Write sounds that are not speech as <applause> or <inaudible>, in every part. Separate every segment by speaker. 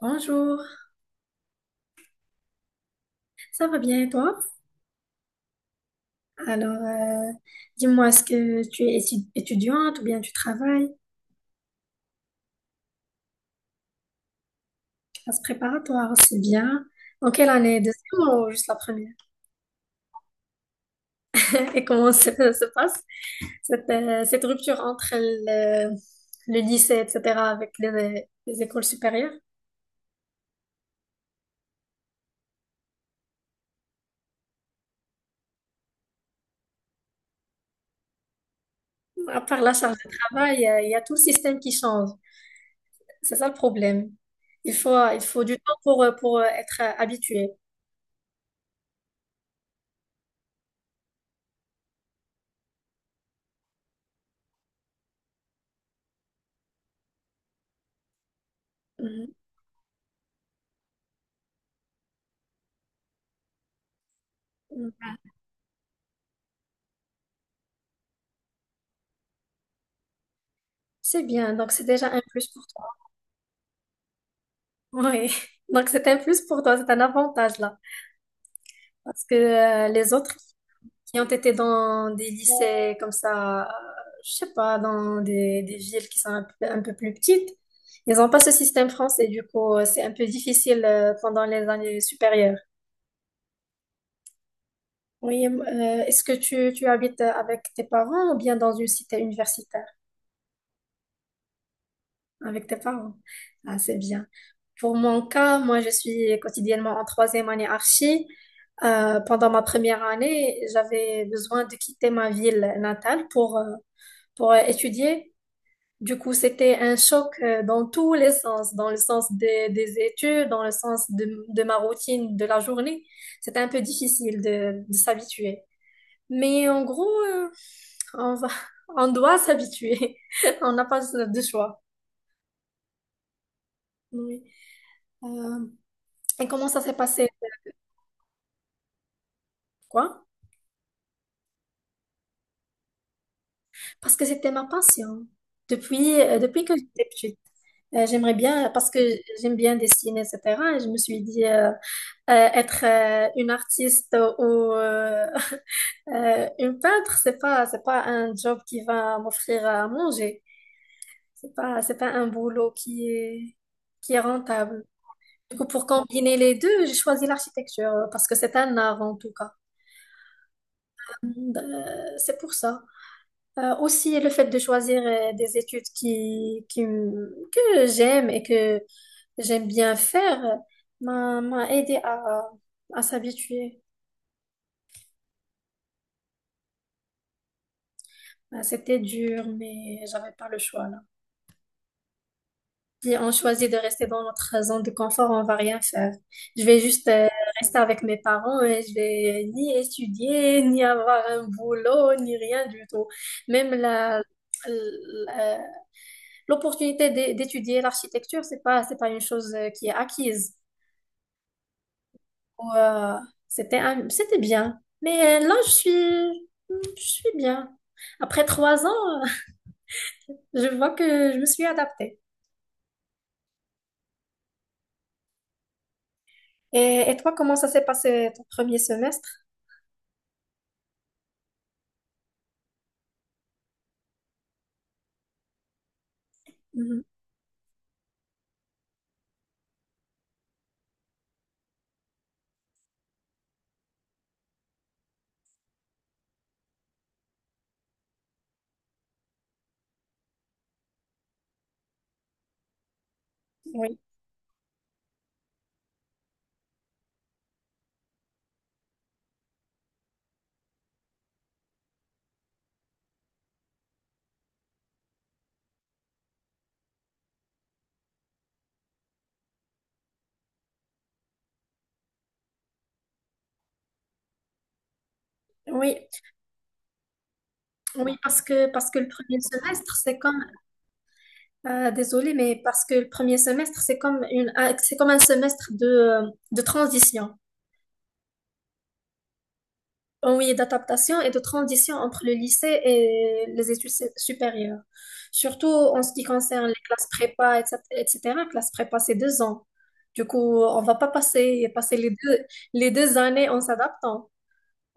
Speaker 1: Bonjour, ça va bien et toi? Alors, euh, dis-moi, est-ce que tu es étudiante ou bien tu travailles? Classe préparatoire, c'est bien. En quelle année? Deuxième ou juste la première? Et comment se passe cette rupture entre le lycée, etc., avec les écoles supérieures? À part la charge de travail, il y a tout le système qui change. C'est ça le problème. Il faut du temps pour être habitué. Mhm. C'est bien, donc c'est déjà un plus pour. Oui, donc c'est un plus pour toi, c'est un avantage là. Parce que les autres qui ont été dans des lycées comme ça, je sais pas, dans des villes qui sont un un peu plus petites, ils n'ont pas ce système français, du coup, c'est un peu difficile pendant les années supérieures. Oui, est-ce que tu habites avec tes parents ou bien dans une cité universitaire? Avec tes parents. Ah, c'est bien. Pour mon cas, moi, je suis quotidiennement en troisième année archi. Pendant ma première année, j'avais besoin de quitter ma ville natale pour étudier. Du coup, c'était un choc dans tous les sens, dans le sens des études, dans le sens de ma routine de la journée. C'était un peu difficile de s'habituer. Mais en gros, on va, <laughs> on doit s'habituer. <laughs> On n'a pas de choix. Oui. Euh, Et comment ça s'est passé? Quoi? Parce que c'était ma passion. Depuis que j'étais petite. J'aimerais bien, parce que j'aime bien dessiner, etc. Et je me suis dit, être une artiste ou euh, <laughs> une peintre, c'est pas un job qui va m'offrir à manger. C'est pas un boulot qui est rentable. Du coup, pour combiner les deux, j'ai choisi l'architecture, parce que c'est un art en tout cas. Euh, C'est pour ça. Aussi, le fait de choisir des études que j'aime et que j'aime bien faire m'a aidé à s'habituer. C'était dur, mais j'avais pas le choix là. Si on choisit de rester dans notre zone de confort, on va rien faire. Je vais juste rester avec mes parents et je vais ni étudier, ni avoir un boulot, ni rien du tout. Même la- l'opportunité d'étudier l'architecture, c'est pas une chose qui est acquise. Ou, euh, c'était bien. Mais là, je suis bien. Après trois ans, <laughs> je vois que je me suis adaptée. Et toi, comment ça s'est passé ton premier semestre? Mhm. Oui, oui, oui, parce que le premier semestre c'est comme désolé mais parce que le premier semestre c'est comme c'est comme un semestre de de transition. Oui, d'adaptation et de transition entre le lycée et les études supérieures. Surtout en ce qui concerne les classes prépa, etc. etc. Classe prépa, c'est deux ans. Du coup, on va pas passer les deux années en s'adaptant.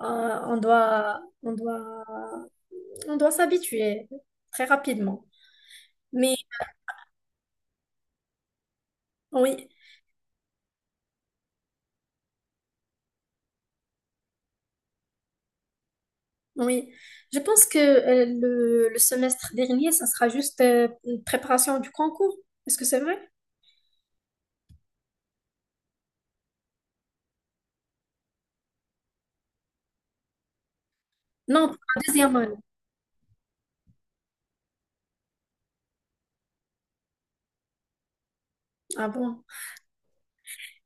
Speaker 1: Euh, on doit, on doit, on doit s'habituer très rapidement. Mais oui, oui. Je pense que le semestre dernier, ça sera juste une préparation du concours. Est-ce que c'est vrai? Non, pour la deuxième année. Ah bon?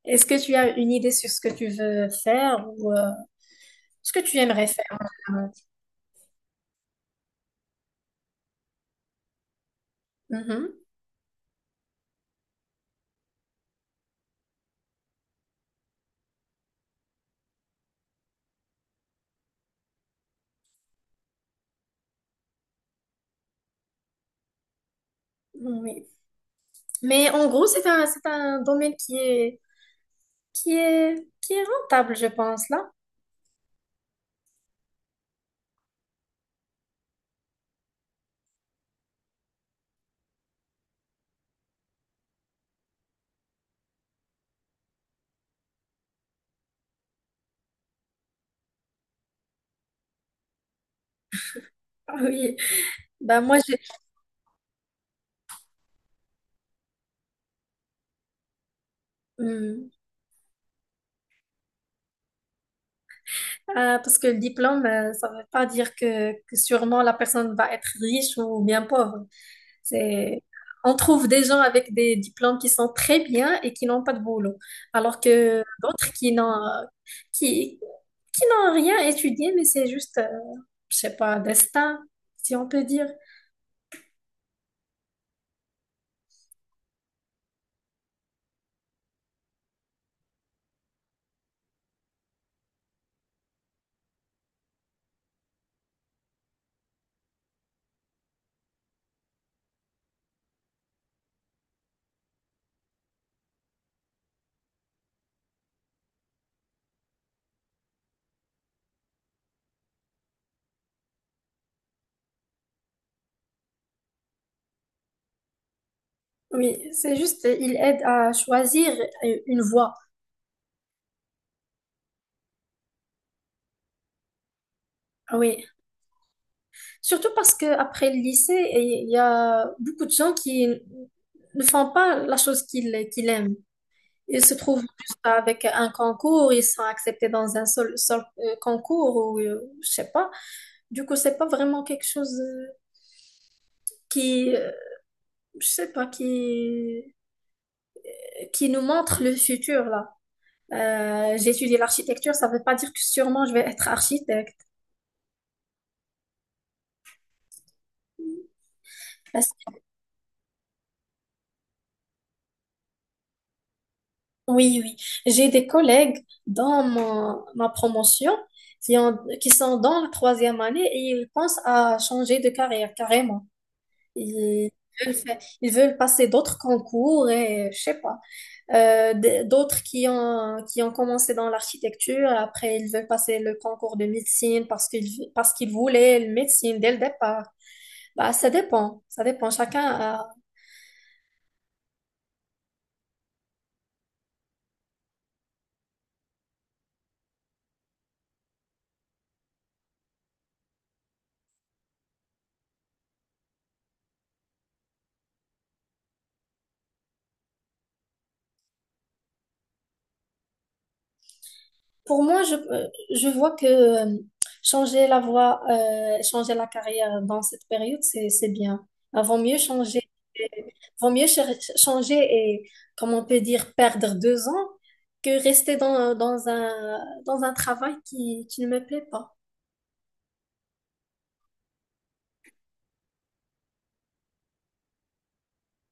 Speaker 1: Est-ce que tu as une idée sur ce que tu veux faire ou ce que tu aimerais faire en général. Mhm. Oui. Mais en gros, c'est un domaine qui est rentable, je pense, là. Ah oui. Bah, moi, j'ai. Hmm. Ah, parce que le diplôme, ça ne veut pas dire que sûrement la personne va être riche ou bien pauvre. C'est, on trouve des gens avec des diplômes qui sont très bien et qui n'ont pas de boulot. Alors que d'autres qui, qui n'ont rien étudié, mais c'est juste, je sais pas, un destin, si on peut dire. Oui, c'est juste, il aide à choisir une voie. Ah oui, surtout parce que après le lycée, il y a beaucoup de gens qui ne font pas la chose qu'ils aiment. Ils se trouvent juste avec un concours, ils sont acceptés dans un seul, concours ou je sais pas. Du coup, c'est pas vraiment quelque chose qui, euh, je sais pas, qui nous montre le futur là. J'ai étudié l'architecture, ça ne veut pas dire que sûrement je vais être architecte. Parce- Oui, oui. J'ai des collègues dans ma promotion qui sont dans la troisième année et ils pensent à changer de carrière carrément. Ils veulent, fa- ils veulent passer d'autres concours et je sais pas. D'autres qui ont commencé dans l'architecture, après ils veulent passer le concours de médecine parce qu'ils voulaient le médecine dès le départ. Bah, ça dépend, ça dépend. Chacun. Pour moi, je vois que changer la voie, changer la carrière dans cette période, c'est bien. Ah, vaut mieux changer, vaut mieux cher- changer et, comme on peut dire, perdre deux ans que rester dans dans un travail qui ne me plaît pas.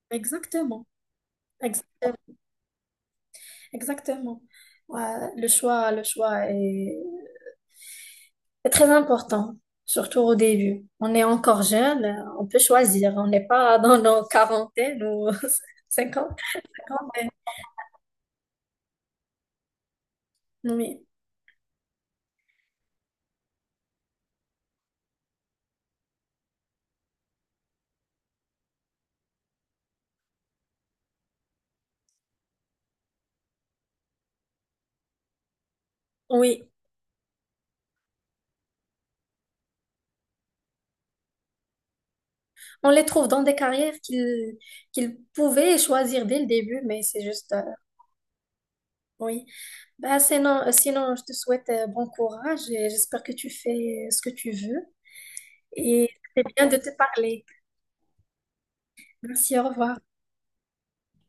Speaker 1: Exactement. Exactement. Exactement. Ouais, le choix est, c'est très important, surtout au début. On est encore jeune, on peut choisir. On n'est pas dans nos quarantaines ou <laughs> cinquante, cinquantaine. Oui, oui. On les trouve dans des carrières qu'ils pouvaient choisir dès le début, mais c'est juste, oui. Bah, sinon, je te souhaite bon courage et j'espère que tu fais ce que tu veux. Et c'est bien de te parler. Merci, au revoir.